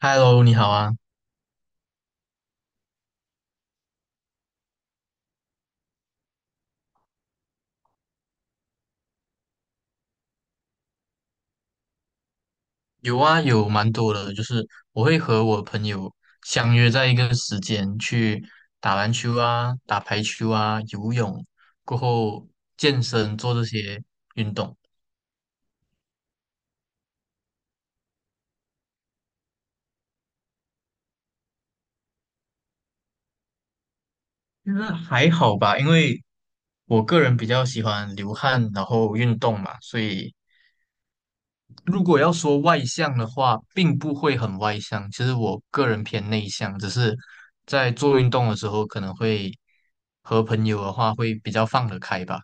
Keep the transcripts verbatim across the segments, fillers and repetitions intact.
Hello，你好啊。有啊，有蛮多的，就是我会和我朋友相约在一个时间去打篮球啊、打排球啊、游泳，过后健身做这些运动。其实还好吧，因为我个人比较喜欢流汗，然后运动嘛，所以如果要说外向的话，并不会很外向。其实我个人偏内向，只是在做运动的时候可能会和朋友的话会比较放得开吧。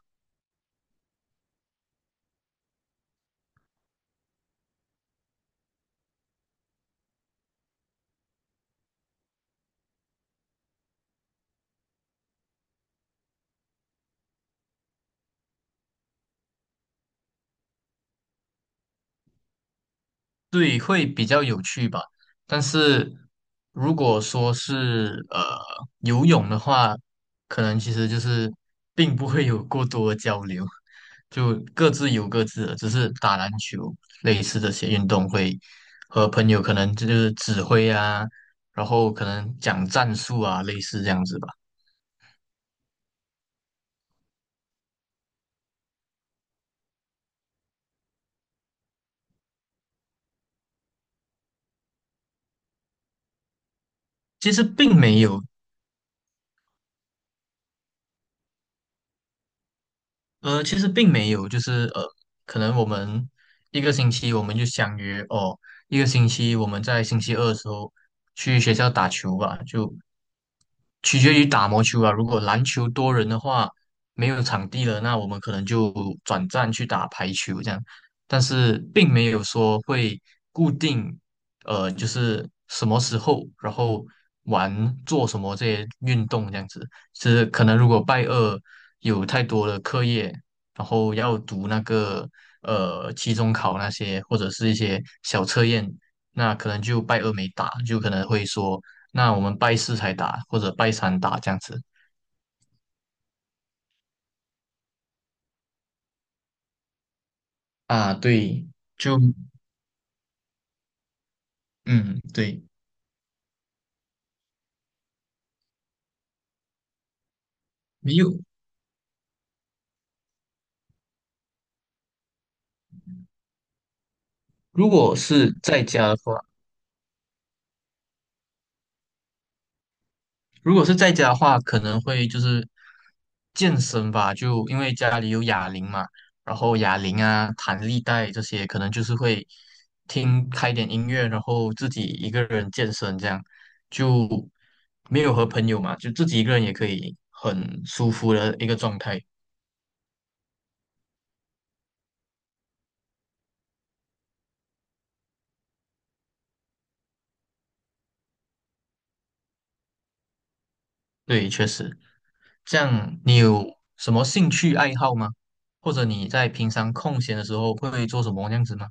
对，会比较有趣吧。但是如果说是呃游泳的话，可能其实就是并不会有过多的交流，就各自游各自的，只是打篮球类似这些运动会和朋友可能这就是指挥啊，然后可能讲战术啊，类似这样子吧。其实并没有呃，其实并没有，就是呃，可能我们一个星期我们就相约哦，一个星期我们在星期二的时候去学校打球吧，就取决于打毛球啊。如果篮球多人的话，没有场地了，那我们可能就转战去打排球这样。但是并没有说会固定，呃，就是什么时候，然后玩做什么这些运动这样子。是可能如果拜二有太多的课业，然后要读那个呃期中考那些，或者是一些小测验，那可能就拜二没打，就可能会说，那我们拜四才打，或者拜三打这样子。啊，对，就嗯，对。没有。如果是在家的话，如果是在家的话，可能会就是健身吧，就因为家里有哑铃嘛，然后哑铃啊、弹力带这些，可能就是会听开点音乐，然后自己一个人健身，这样就没有和朋友嘛，就自己一个人也可以很舒服的一个状态。对，确实。这样你有什么兴趣爱好吗？或者你在平常空闲的时候会做什么这样子吗？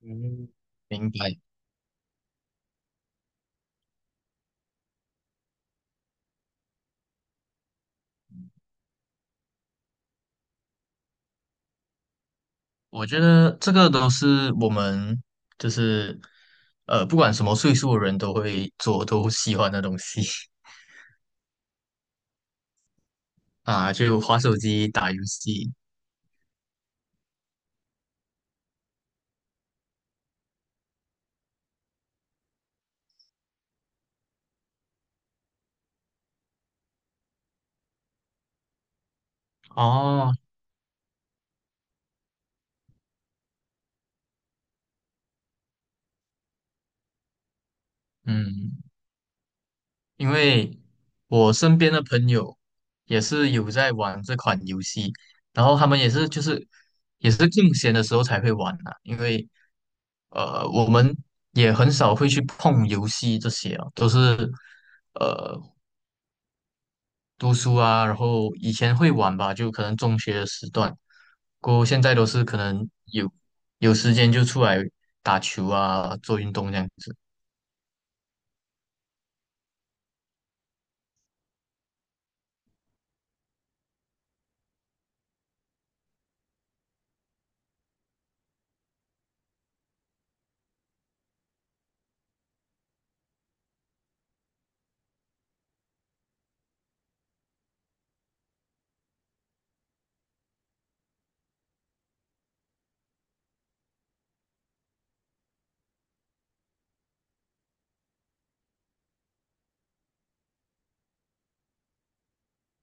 嗯，明白。我觉得这个都是我们就是呃，不管什么岁数的人都会做、都喜欢的东西 啊，就滑手机、打游戏。哦，嗯，因为我身边的朋友也是有在玩这款游戏，然后他们也是就是也是空闲的时候才会玩啊，因为呃，我们也很少会去碰游戏这些啊，都是呃读书啊，然后以前会玩吧，就可能中学的时段，过后现在都是可能有有时间就出来打球啊，做运动这样子。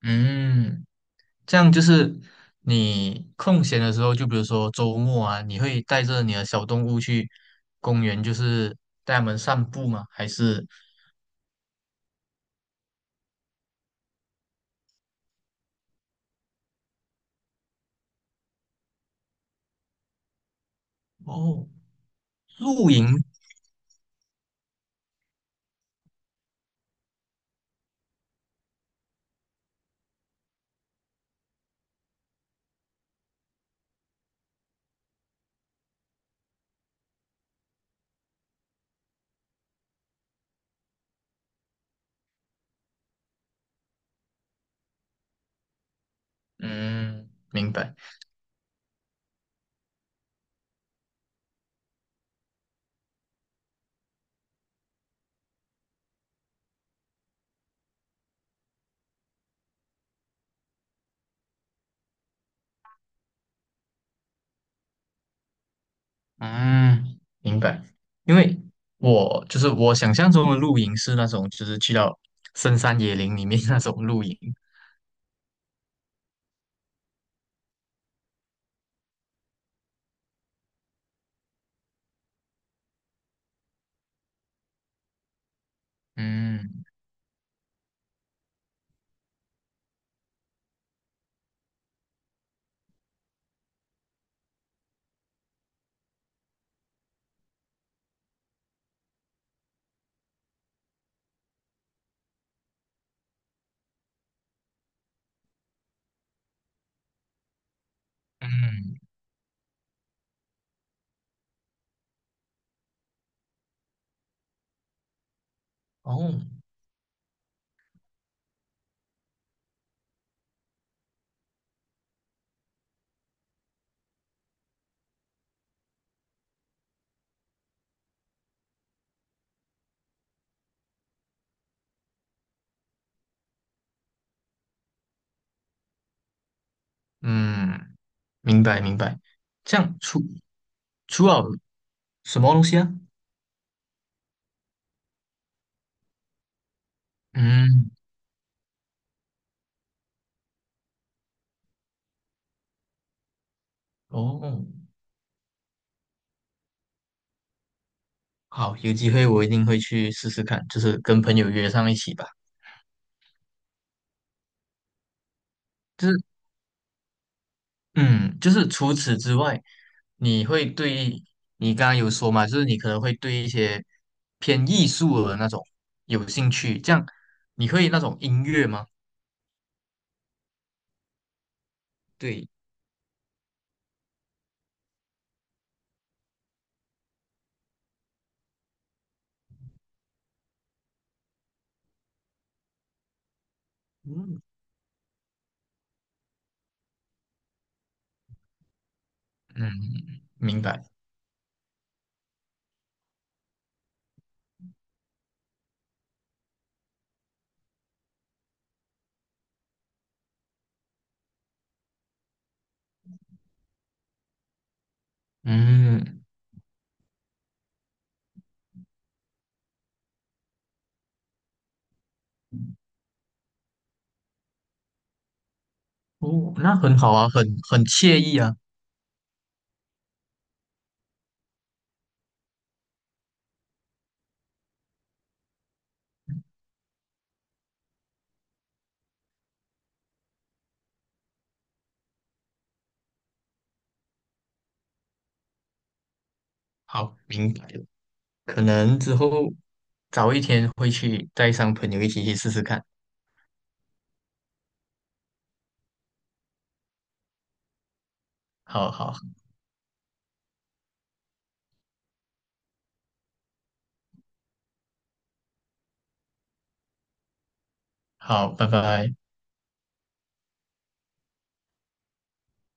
嗯，这样就是你空闲的时候，就比如说周末啊，你会带着你的小动物去公园，就是带它们散步吗？还是哦露营？嗯，明白。嗯，明白。因为我就是我想象中的露营是那种，就是去到深山野林里面 那种露营。嗯嗯哦嗯，明白明白。这样除除了什么东西啊？嗯哦，好，有机会我一定会去试试看，就是跟朋友约上一起吧。就是，嗯，就是除此之外，你会对你刚刚有说嘛，就是你可能会对一些偏艺术的那种有兴趣，这样你会那种音乐吗？对，嗯嗯，明白，嗯，哦，那很好啊，很很惬意啊。好，明白了，可能之后早一天会去带上朋友一起去试试看。好好好，拜拜。